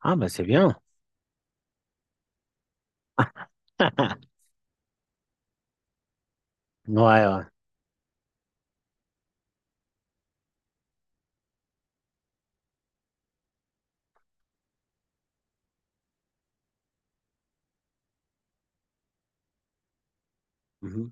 Ah, ben c'est bien. Ouais, ouais. Mhm.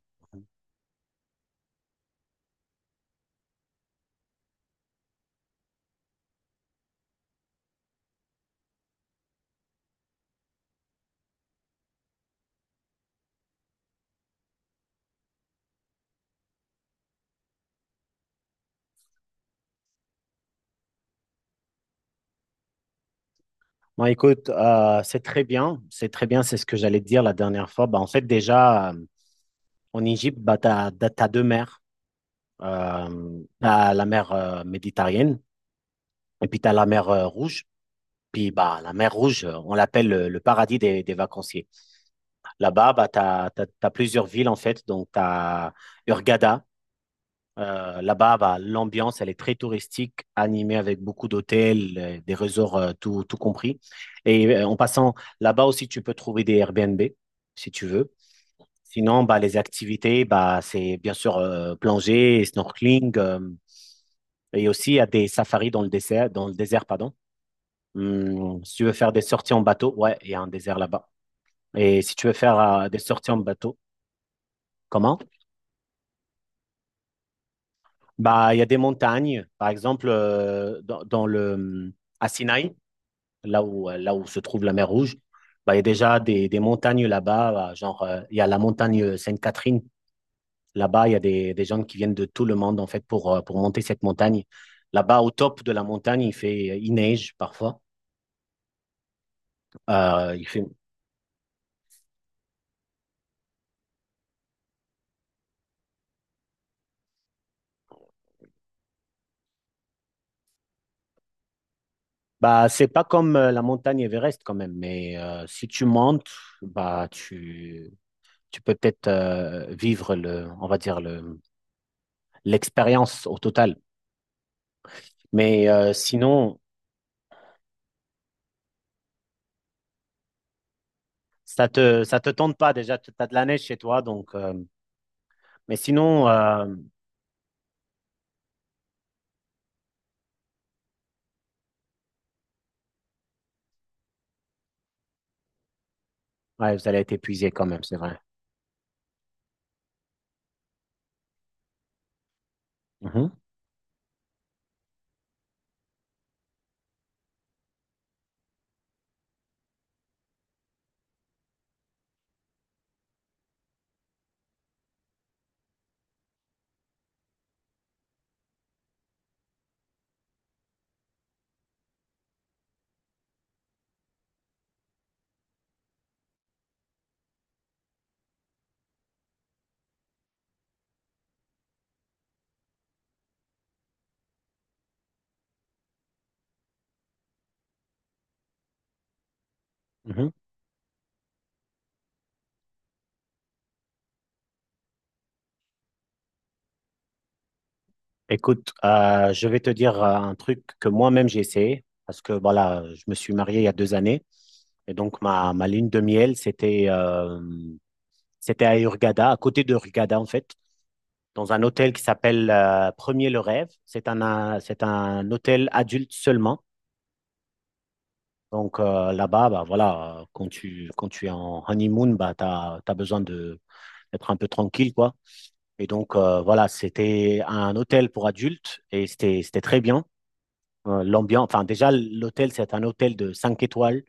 Bon, écoute, c'est très bien. C'est très bien, c'est ce que j'allais te dire la dernière fois. Bah, en fait, déjà, en Égypte, bah, tu as deux mers. T'as la mer méditerranéenne et puis tu as la mer rouge. Puis bah, la mer rouge, on l'appelle le paradis des vacanciers. Là-bas, bah, tu as plusieurs villes, en fait. Donc, tu as... Là-bas, bah, l'ambiance, elle est très touristique, animée avec beaucoup d'hôtels, des resorts, tout, tout compris. Et en passant, là-bas aussi, tu peux trouver des Airbnb, si tu veux. Sinon, bah, les activités, bah, c'est bien sûr plongée, snorkeling, et aussi il y a des safaris dans le désert, pardon. Si tu veux faire des sorties en bateau, ouais, il y a un désert là-bas. Et si tu veux faire des sorties en bateau, comment? Bah, il y a des montagnes, par exemple, dans, dans le, à Sinaï, là où se trouve la mer Rouge. Bah, il y a déjà des montagnes là-bas, bah, genre il y a la montagne Sainte-Catherine. Là-bas, il y a des gens qui viennent de tout le monde en fait pour monter cette montagne. Là-bas, au top de la montagne, il fait, il neige parfois. Il fait, bah, c'est pas comme la montagne Everest quand même, mais si tu montes, bah, tu peux peut-être vivre le, on va dire le, l'expérience au total. Mais sinon, ça te, ça te tente pas? Déjà, tu as de la neige chez toi, donc. Mais sinon, ouais, vous allez être épuisé quand même, c'est vrai. Mhm, mhm. Écoute, je vais te dire un truc que moi-même j'ai essayé, parce que voilà, je me suis marié il y a 2 années, et donc ma lune de miel, c'était c'était à Hurghada, à côté de Hurghada en fait, dans un hôtel qui s'appelle Premier le Rêve. C'est un hôtel adulte seulement. Donc là-bas, bah, voilà, quand tu es en honeymoon, bah, tu as besoin de d'être un peu tranquille, quoi. Et donc, voilà, c'était un hôtel pour adultes et c'était, c'était très bien. L'ambiance, enfin, déjà, l'hôtel, c'est un hôtel de 5 étoiles.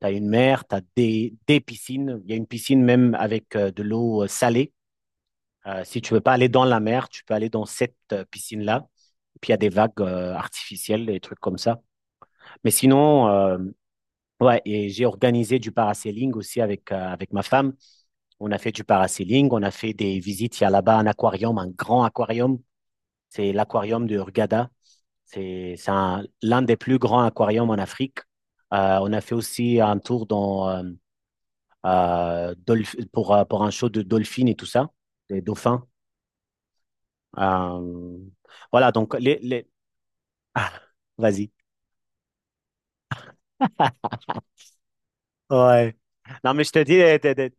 Tu as une mer, tu as des piscines. Il y a une piscine même avec de l'eau salée. Si tu veux pas aller dans la mer, tu peux aller dans cette piscine-là. Puis il y a des vagues artificielles, des trucs comme ça. Mais sinon, ouais, et j'ai organisé du parasailing aussi avec, avec ma femme. On a fait du parasailing, on a fait des visites. Il y a là-bas un aquarium, un grand aquarium. C'est l'aquarium de Hurghada. C'est l'un des plus grands aquariums en Afrique. On a fait aussi un tour dans, pour un show de dolphins et tout ça, des dauphins. Euh, voilà, donc les... Ah, vas-y. Ouais. Non, mais je te dis...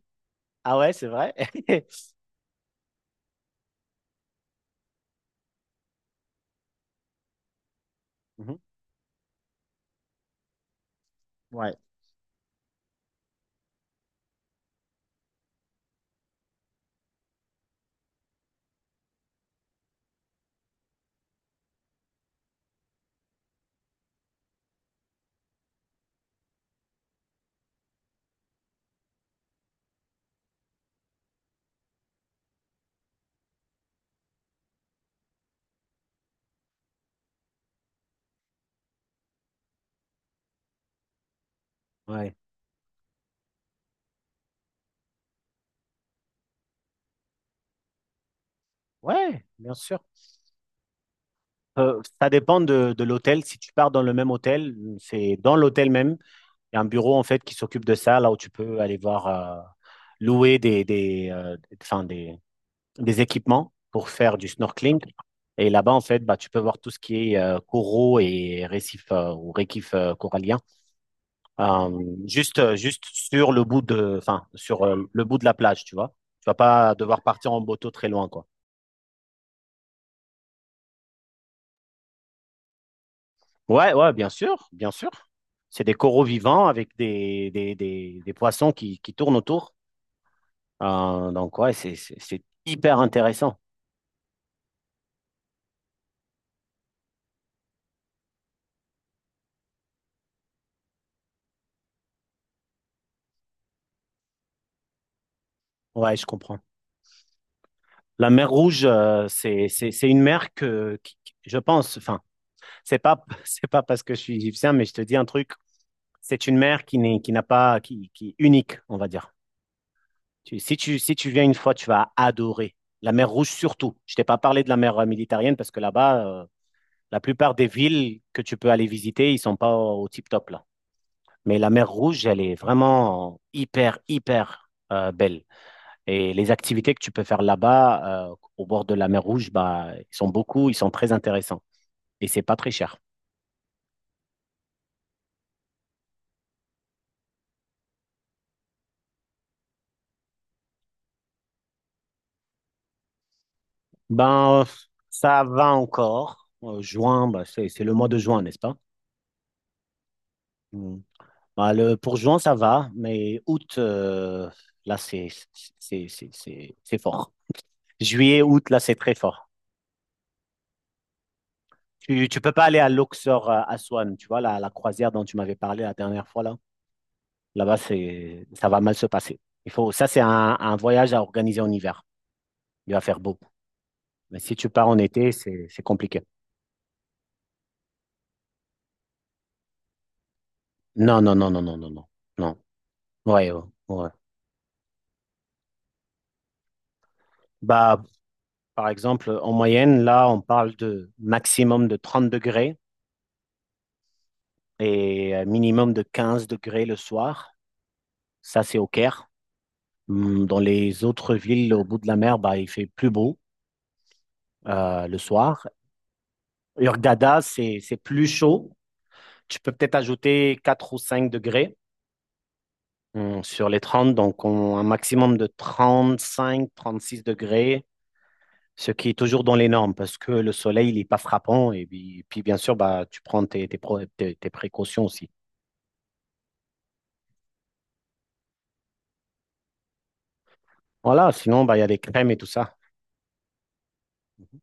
Ah ouais, c'est vrai? Mhm. Ouais, ouais. Ouais, bien sûr. Ça dépend de l'hôtel. Si tu pars dans le même hôtel, c'est dans l'hôtel même. Il y a un bureau en fait qui s'occupe de ça, là où tu peux aller voir louer des, enfin, des équipements pour faire du snorkeling. Et là-bas, en fait, bah, tu peux voir tout ce qui est coraux et récifs ou récifs coralliens, euh, juste, juste sur le bout de, enfin, sur le bout de la plage, tu vois. Tu vas pas devoir partir en bateau très loin, quoi. Ouais, ouais, bien sûr, bien sûr. C'est des coraux vivants avec des poissons qui tournent autour. Donc, ouais, c'est, c'est hyper intéressant. Ouais, je comprends. La mer Rouge, c'est une mer que, je pense, enfin, c'est pas, c'est pas parce que je suis égyptien, mais je te dis un truc, c'est une mer qui n'est, qui n'a pas, qui est unique, on va dire. Si tu, si tu viens une fois, tu vas adorer. La mer Rouge surtout. Je t'ai pas parlé de la mer Méditerranée parce que là-bas, la plupart des villes que tu peux aller visiter, ils sont pas au, au tip-top là. Mais la mer Rouge, elle est vraiment hyper, hyper belle. Et les activités que tu peux faire là-bas, au bord de la mer Rouge, bah, ils sont beaucoup, ils sont très intéressants. Et c'est pas très cher. Ben, ça va encore. Juin, bah, c'est le mois de juin, n'est-ce pas? Mm. Bah, le, pour juin, ça va, mais août, là, c'est c'est fort. Juillet, août, là, c'est très fort. Tu peux pas aller à Luxor, à Aswan, tu vois, la croisière dont tu m'avais parlé la dernière fois, là. Là-bas, c'est, ça va mal se passer. Il faut, ça, c'est un voyage à organiser en hiver. Il va faire beau. Mais si tu pars en été, c'est compliqué. Non, non, non, non, non, non, non. Non. Ouais, ouais. Ouais. Bah, par exemple, en moyenne, là, on parle de maximum de 30 degrés et minimum de 15 degrés le soir. Ça, c'est au Caire. Dans les autres villes au bout de la mer, bah, il fait plus beau le soir. Hurghada, c'est plus chaud. Tu peux peut-être ajouter 4 ou 5 degrés sur les 30, donc un maximum de 35, 36 degrés, ce qui est toujours dans les normes parce que le soleil, il n'est pas frappant. Et puis, puis, bien sûr, bah, tu prends tes, tes précautions aussi. Voilà, sinon, bah, il y a les crèmes et tout ça. Mhm.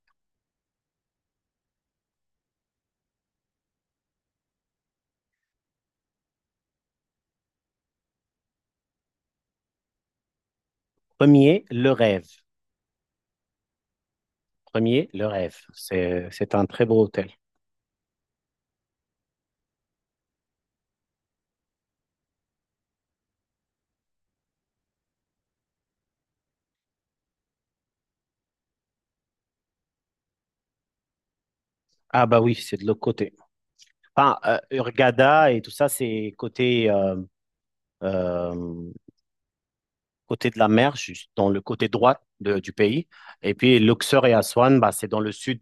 Premier, le rêve. Premier, le rêve. C'est un très beau hôtel. Ah bah oui, c'est de l'autre côté. Enfin, Hurghada et tout ça, c'est côté, euh, côté de la mer, juste dans le côté droit du pays. Et puis Luxor et Aswan, bah, c'est dans le sud.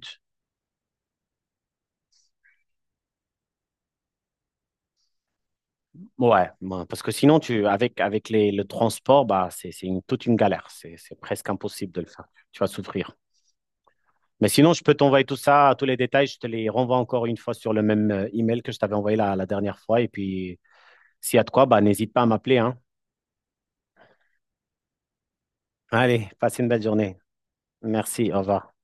Ouais, moi, parce que sinon, tu, avec, avec les, le transport, bah, toute une galère. C'est presque impossible de le faire. Tu vas souffrir. Mais sinon, je peux t'envoyer tout ça, tous les détails. Je te les renvoie encore une fois sur le même email que je t'avais envoyé la, la dernière fois. Et puis, s'il y a de quoi, bah, n'hésite pas à m'appeler, hein. Allez, passe une belle journée. Merci, au revoir.